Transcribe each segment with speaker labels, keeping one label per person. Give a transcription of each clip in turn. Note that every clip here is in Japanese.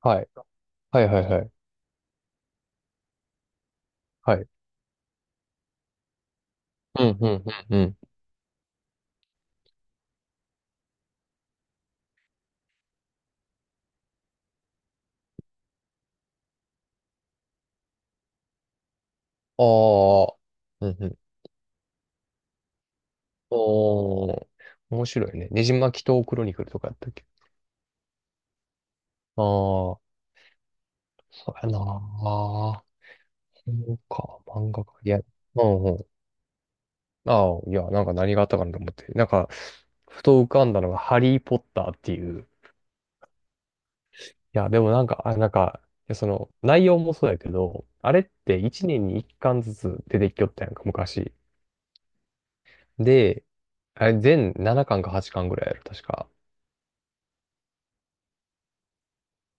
Speaker 1: はい。はいはいはい。はい。うん、うん、うん、うん。ああ。うんうん。おー。面白いね。ねじ巻きとクロニクルとかやったっけ。ああー、そうやなあ。そうか、漫画か。いや、うんうん。ああ、いや、なんか何があったかなと思って。なんか、ふと浮かんだのが、ハリー・ポッターっていう。いや、でもなんか、あ、なんか、いやその、内容もそうやけど、あれって1年に1巻ずつ出てきよったやんか、昔。で、あれ、全7巻か8巻ぐらいやろ、確か。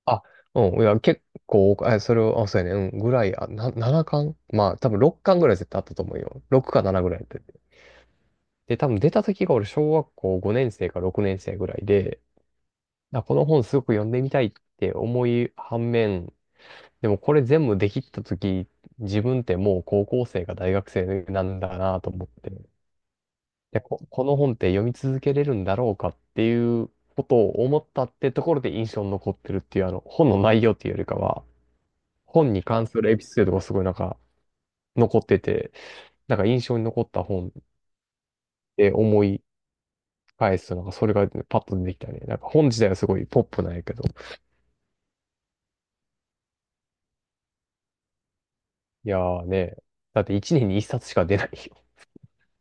Speaker 1: あ、うん、いや、結構、えそれを、あ、そうやね、うん、ぐらい、7巻まあ、多分6巻ぐらい絶対あったと思うよ。6か7ぐらいやってて。で、多分出た時が俺、小学校5年生か6年生ぐらいで、あ、この本すごく読んでみたいって思い反面、でもこれ全部できた時、自分ってもう高校生か大学生なんだなと思って、で、この本って読み続けれるんだろうかっていうことを思ったってところで印象に残ってるっていう、あの、本の内容っていうよりかは、本に関するエピソードがすごいなんか残ってて、なんか印象に残った本で思い返すと、なんかそれがパッと出てきたね。なんか本自体はすごいポップなんやけど。いやーね、だって1年に1冊しか出ないよ。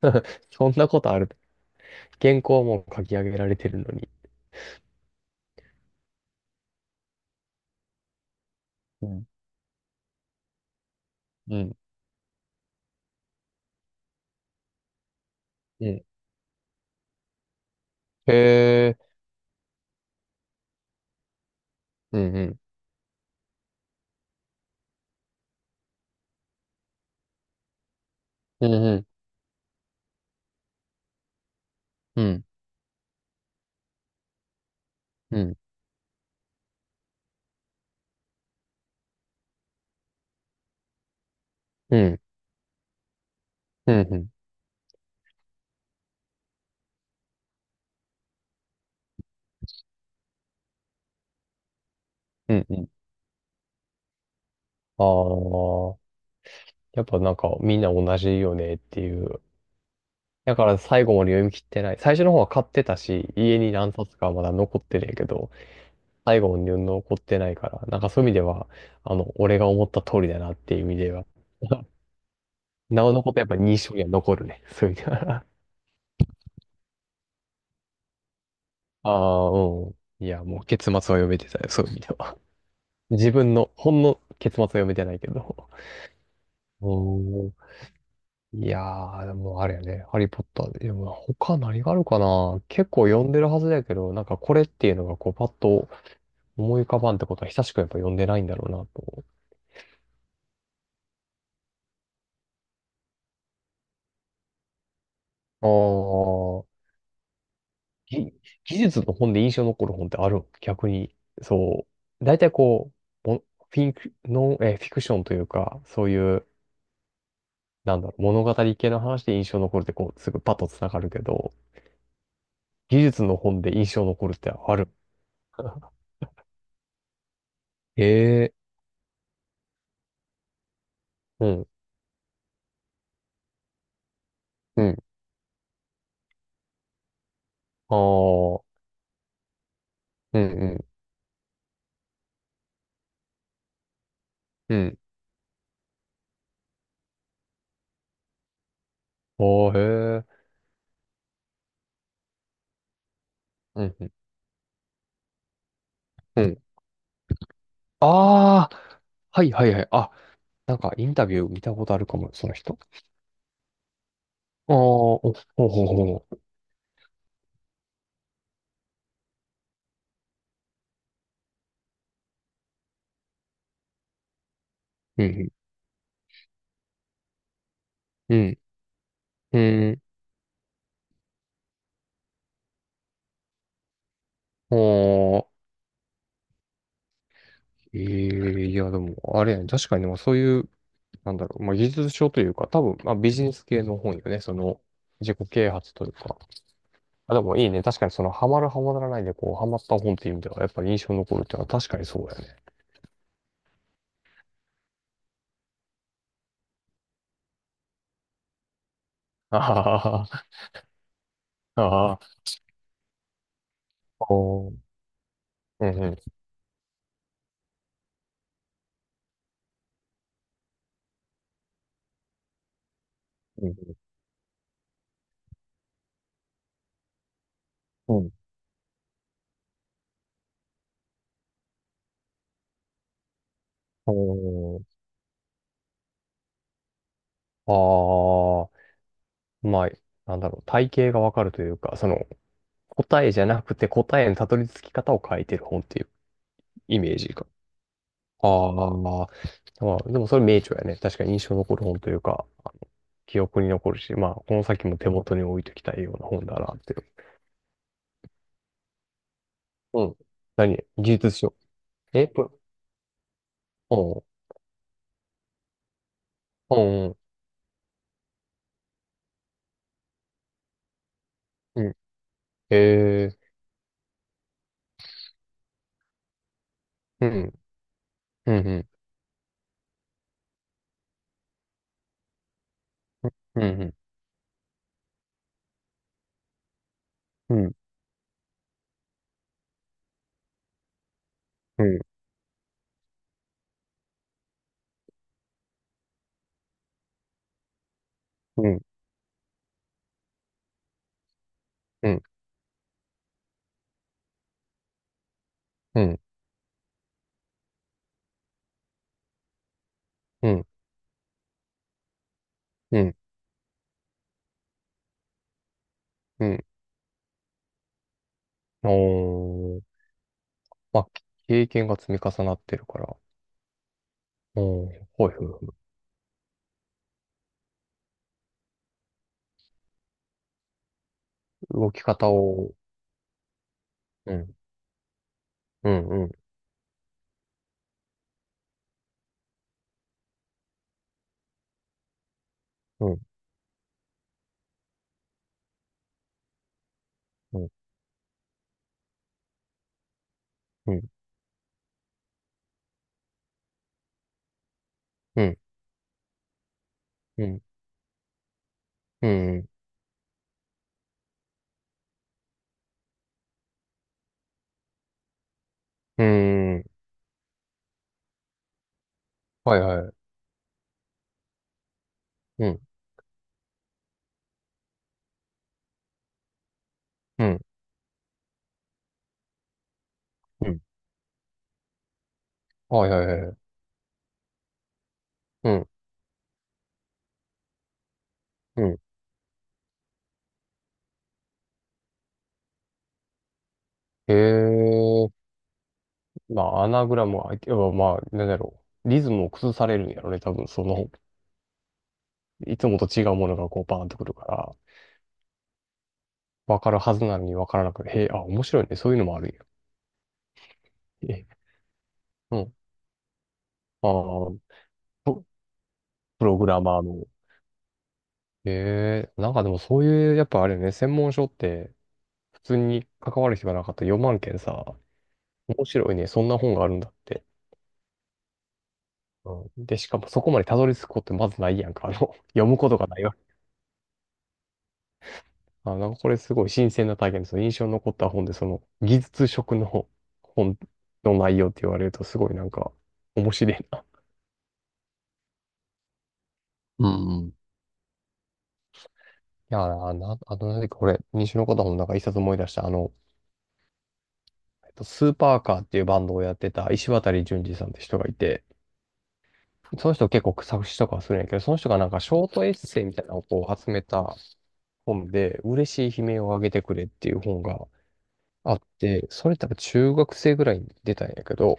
Speaker 1: そんなことある。原稿はもう書き上げられてるのに。うん、うん、うん。へえ、うん、うん、うん、うん、うん、うん、うん、うん、うん、うん。ああ、やっぱなんかみんな同じよねっていう。だから最後まで読み切ってない。最初の方は買ってたし、家に何冊かはまだ残ってるんやけど、最後まで残ってないから、なんかそういう意味では、あの、俺が思った通りだなっていう意味では、なおのことやっぱ印象には残るね。そういう意味では。ああ、うん。いや、もう結末は読めてたよ、そういう意味では。自分の、ほんの結末は読めてないけど。おん。いやー、でもあれやね、ハリーポッターで、でも他何があるかな、結構読んでるはずだけど、なんかこれっていうのがこうパッと思い浮かばんってことは久しくやっぱ読んでないんだろうなと。ああ、ぎ技術の本で印象に残る本ってあるの逆に。そう。大体こう、もフィンク、ノン、えー、フィクションというか、そういう、なんだろう、物語系の話で印象に残るってこう、すぐパッとつながるけど、技術の本で印象に残るってある。ええ、うん。うん、ああ、うん、うん、うん、ああ、へえ。うん、うん。うんああ、はいはいはい。あ、なんかインタビュー見たことあるかも、その人。ああ、お、ほうほうほうほう。うん、うん、うん、うんああ、ええいや、でも、あれやね、確かに、でもそういう、なんだろう、まあ、技術書というか、多分、まあ、ビジネス系の本よね、その、自己啓発というか。あ、でもいいね、確かにその、ハマるハマらないで、こう、ハマった本っていう意味では、やっぱ印象に残るっていうのは確かにそうだよね。あははは、ああ、おーうん、うん、うん、うん、おーああ、まあ、なんだろう、体系がわかるというか、その、答えじゃなくて答えのたどり着き方を書いてる本っていうイメージが。ああ、まあ、まあでもそれ名著やね。確かに印象残る本というか、あの記憶に残るし、まあ、この先も手元に置いときたいような本だなっていう。うん。何技術書。え、ぷ、お、うん、うん、うん。へえ、うん、うん、うん、うん、うん、うん、うん、うん、うん、うん、うん、うん、うん、おー、まあ、経験が積み重なってるから、おー、ほいほいほい。動き方を、うん、うん、うん、うん、うん、うん、うん、うん、うん、うん、うん、はいはい、うん、うん、うん、はいはいはい、うん、うん。へえ、まあ、アナグラムは、要はまあ、なんだろう。リズムを崩されるんやろね。多分、その、いつもと違うものがこう、バーンとくるから、わかるはずなのにわからなくて、へえ、あ、面白いね。そういうのもあるんや。え、うん。ああ、ププログラマーの。へえ、なんかでもそういう、やっぱあれよね、専門書って、普通に関わる人がなかった4万件さ、面白いね、そんな本があるんだって。うんで、しかもそこまでたどり着くことまずないやんか。あの、読むことがないわけ。あ、なんかこれすごい新鮮な体験です。その印象に残った本で、その技術職の本の内容って言われるとすごいなんか面白いな。うんうん。いや、あとなんかこれ、西の方本の中一冊思い出した、あの、えっとスーパーカーっていうバンドをやってた石渡淳二さんって人がいて、その人結構作詞とかはするんやけど、その人がなんかショートエッセイみたいなのをこう集めた本で、嬉しい悲鳴をあげてくれっていう本があって、それ多分中学生ぐらいに出たんやけど、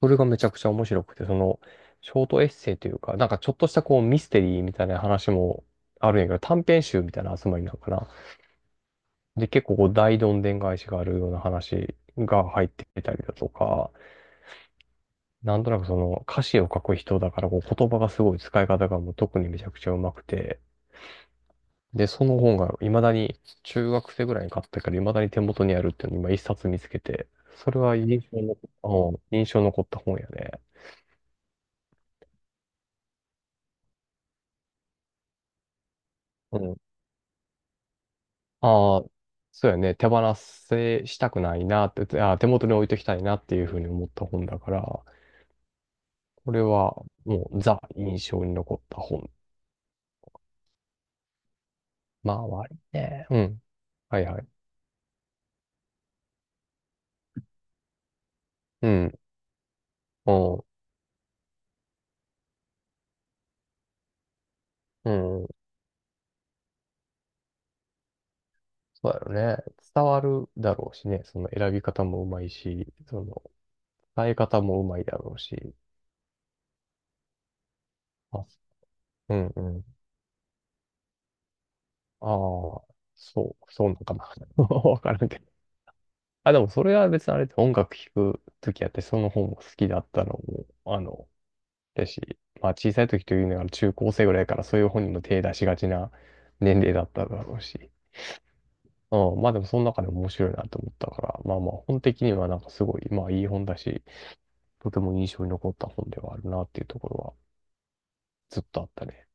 Speaker 1: それがめちゃくちゃ面白くて、その、ショートエッセイというか、なんかちょっとしたこうミステリーみたいな話もあるんやけど、短編集みたいな集まりなのかな。で、結構こう大どんでん返しがあるような話が入ってきたりだとか、なんとなくその歌詞を書く人だからこう言葉がすごい使い方がもう特にめちゃくちゃうまくて、で、その本が未だに、中学生ぐらいに買ったから未だに手元にあるっていうのを今一冊見つけて、それは印象の、うん印象残った本やね。うん。ああ、そうやね。手放せしたくないなって、あー、手元に置いときたいなっていうふうに思った本だから、これはもうザ印象に残った本。まあ、りね。うん。はいはい。うん。うん。うん。そうだよね。伝わるだろうしね。その選び方もうまいし、その伝え方もうまいだろうし。あ、うんうん。ああ、そう、そうなのかな。わからんけど。あ、でもそれは別にあれって音楽聴くときやって、その本も好きだったのも、あの、だし、まあ小さい時というのが中高生ぐらいからそういう本にも手出しがちな年齢だっただろうし。うん、まあでもその中でも面白いなと思ったから、まあまあ本的にはなんかすごい、まあいい本だし、とても印象に残った本ではあるなっていうところはずっとあったね。